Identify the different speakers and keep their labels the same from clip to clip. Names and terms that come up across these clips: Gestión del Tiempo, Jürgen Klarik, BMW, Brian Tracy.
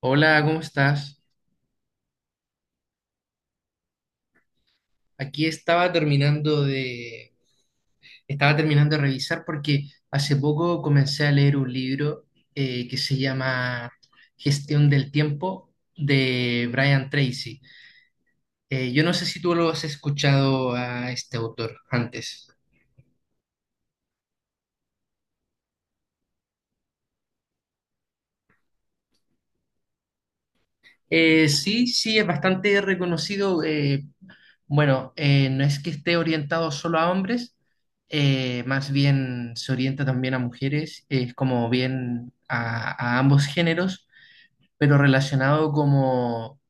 Speaker 1: Hola, ¿cómo estás? Aquí estaba terminando de revisar porque hace poco comencé a leer un libro que se llama Gestión del Tiempo de Brian Tracy. Yo no sé si tú lo has escuchado a este autor antes. Sí, sí, es bastante reconocido. Bueno, no es que esté orientado solo a hombres, más bien se orienta también a mujeres, es como bien a ambos géneros, pero relacionado como,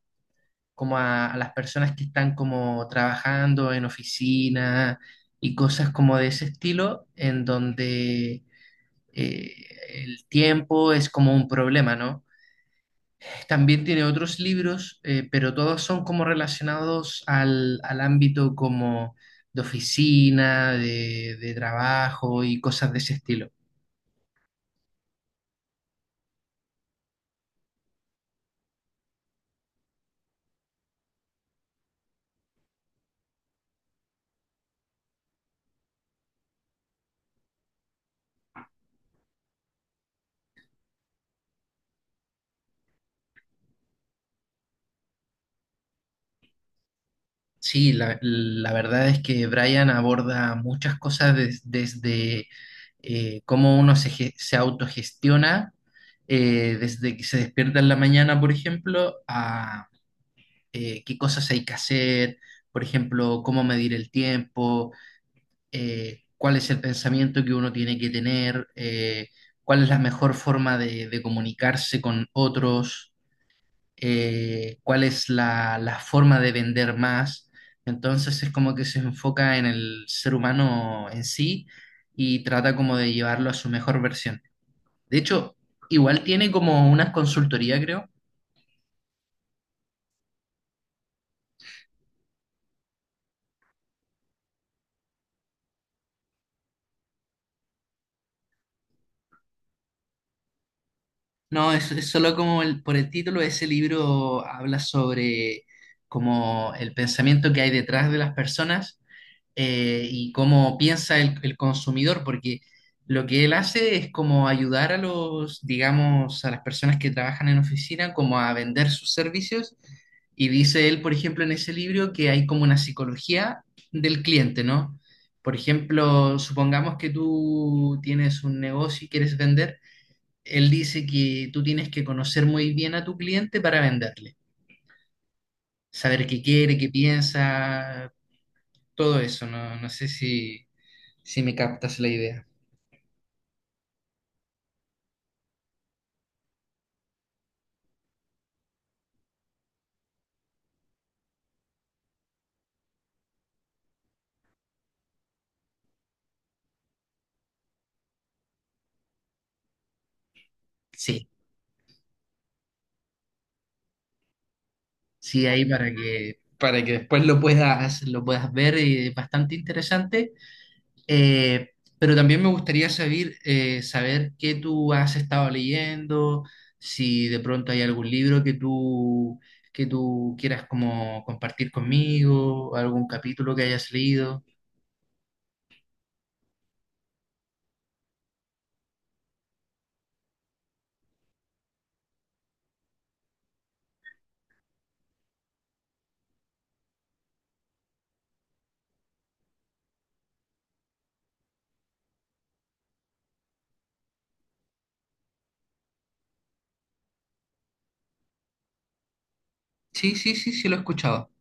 Speaker 1: como a las personas que están como trabajando en oficina y cosas como de ese estilo, en donde eh, el tiempo es como un problema, ¿no? También tiene otros libros, pero todos son como relacionados al, al ámbito como de oficina, de trabajo y cosas de ese estilo. Sí, la verdad es que Brian aborda muchas cosas desde cómo uno se, se autogestiona, desde que se despierta en la mañana, por ejemplo, a qué cosas hay que hacer, por ejemplo, cómo medir el tiempo cuál es el pensamiento que uno tiene que tener, cuál es la mejor forma de comunicarse con otros, cuál es la, la forma de vender más. Entonces es como que se enfoca en el ser humano en sí y trata como de llevarlo a su mejor versión. De hecho, igual tiene como una consultoría, creo. No, es solo como por el título, ese libro habla sobre como el pensamiento que hay detrás de las personas y cómo piensa el consumidor, porque lo que él hace es como ayudar a los, digamos, a las personas que trabajan en oficina, como a vender sus servicios. Y dice él, por ejemplo, en ese libro que hay como una psicología del cliente, ¿no? Por ejemplo, supongamos que tú tienes un negocio y quieres vender. Él dice que tú tienes que conocer muy bien a tu cliente para venderle, saber qué quiere, qué piensa, todo eso, no, no sé si, si me captas la idea. Sí, sí, ahí para que después lo puedas ver y es bastante interesante. Eh, pero también me gustaría saber, saber qué tú has estado leyendo, si de pronto hay algún libro que tú quieras como compartir conmigo, algún capítulo que hayas leído. Sí, sí, sí, sí, lo he escuchado.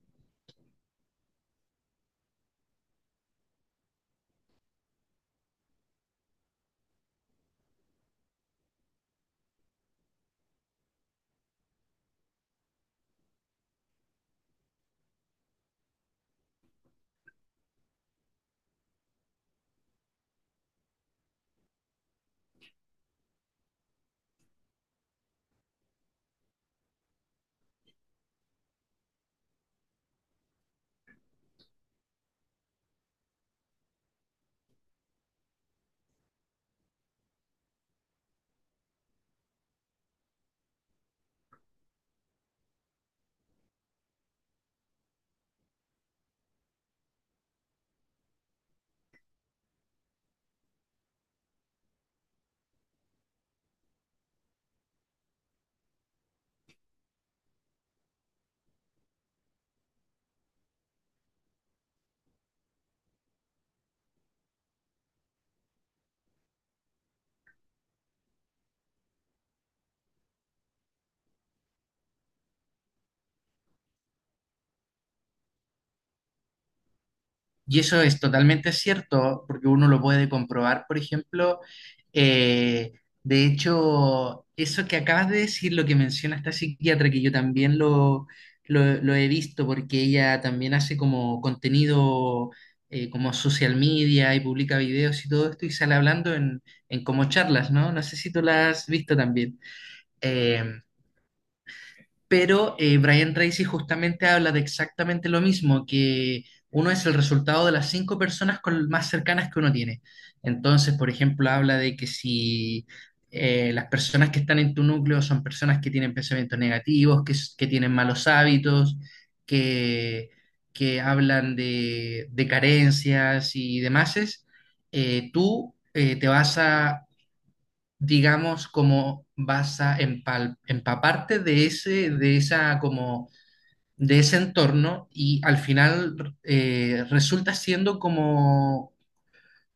Speaker 1: Y eso es totalmente cierto, porque uno lo puede comprobar, por ejemplo, eh, de hecho, eso que acabas de decir, lo que menciona esta psiquiatra, que yo también lo, lo he visto, porque ella también hace como contenido como social media y publica videos y todo esto, y sale hablando en como charlas, ¿no? No sé si tú la has visto también. Eh, pero Brian Tracy justamente habla de exactamente lo mismo, que uno es el resultado de las cinco personas más cercanas que uno tiene. Entonces, por ejemplo, habla de que si las personas que están en tu núcleo son personas que tienen pensamientos negativos, que, que tienen malos hábitos, que, que hablan de carencias y demás, tú te vas a digamos, como vas a empaparte de ese, de esa, como, de ese entorno y al final resulta siendo como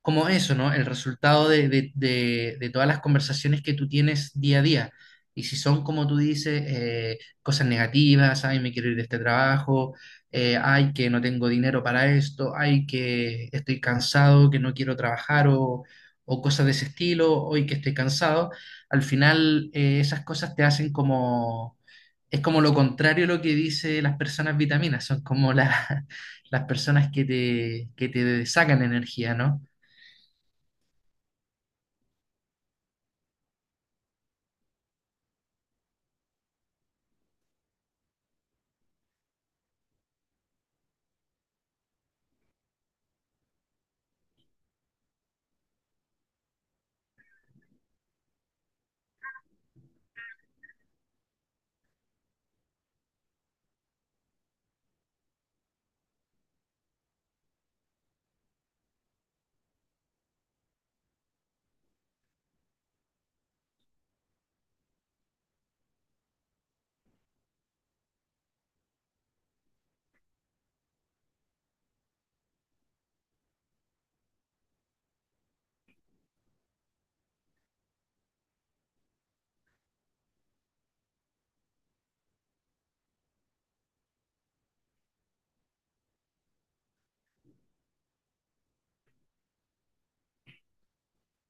Speaker 1: como eso, ¿no? El resultado de, de todas las conversaciones que tú tienes día a día. Y si son, como tú dices, cosas negativas, ay, me quiero ir de este trabajo, ay, que no tengo dinero para esto, ay, que estoy cansado, que no quiero trabajar o cosas de ese estilo, hoy que estoy cansado, al final esas cosas te hacen como... Es como lo contrario a lo que dice las personas vitaminas, son como las personas que te sacan energía, ¿no?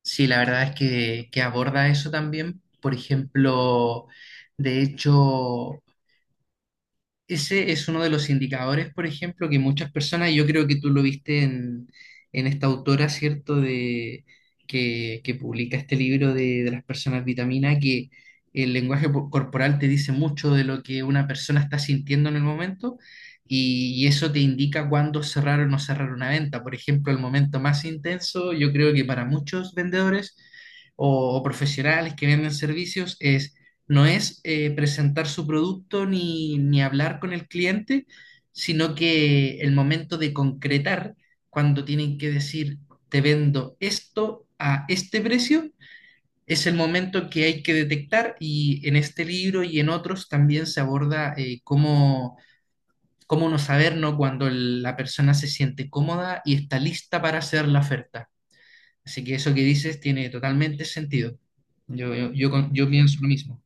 Speaker 1: Sí, la verdad es que aborda eso también. Por ejemplo, de hecho, ese es uno de los indicadores, por ejemplo, que muchas personas, yo creo que tú lo viste en esta autora, ¿cierto?, de, que publica este libro de las personas vitamina, que el lenguaje corporal te dice mucho de lo que una persona está sintiendo en el momento y eso te indica cuándo cerrar o no cerrar una venta. Por ejemplo, el momento más intenso, yo creo que para muchos vendedores o profesionales que venden servicios es no es presentar su producto ni, ni hablar con el cliente, sino que el momento de concretar, cuando tienen que decir, te vendo esto a este precio, es el momento que hay que detectar y en este libro y en otros también se aborda cómo, cómo no saber, ¿no? cuando la persona se siente cómoda y está lista para hacer la oferta. Así que eso que dices tiene totalmente sentido. Yo yo pienso lo mismo.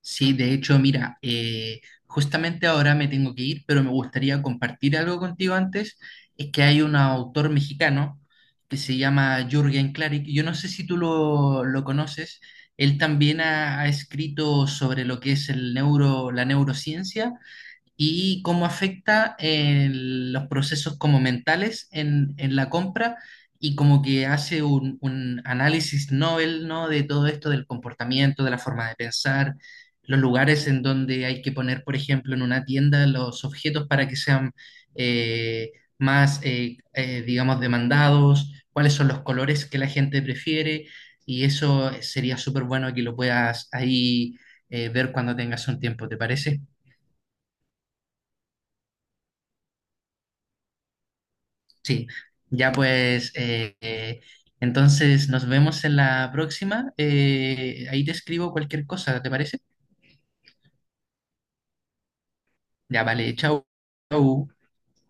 Speaker 1: Sí, de hecho, mira, justamente ahora me tengo que ir, pero me gustaría compartir algo contigo antes. Es que hay un autor mexicano que se llama Jürgen Klarik. Yo no sé si tú lo conoces. Él también ha, ha escrito sobre lo que es el neuro, la neurociencia y cómo afecta en los procesos como mentales en la compra y como que hace un análisis novel, ¿no? De todo esto del comportamiento, de la forma de pensar, los lugares en donde hay que poner, por ejemplo, en una tienda los objetos para que sean eh, más, digamos, demandados, cuáles son los colores que la gente prefiere y eso sería súper bueno que lo puedas ahí ver cuando tengas un tiempo, ¿te parece? Sí, ya pues, entonces nos vemos en la próxima. Ahí te escribo cualquier cosa, ¿te parece? Ya vale, chao. Chao.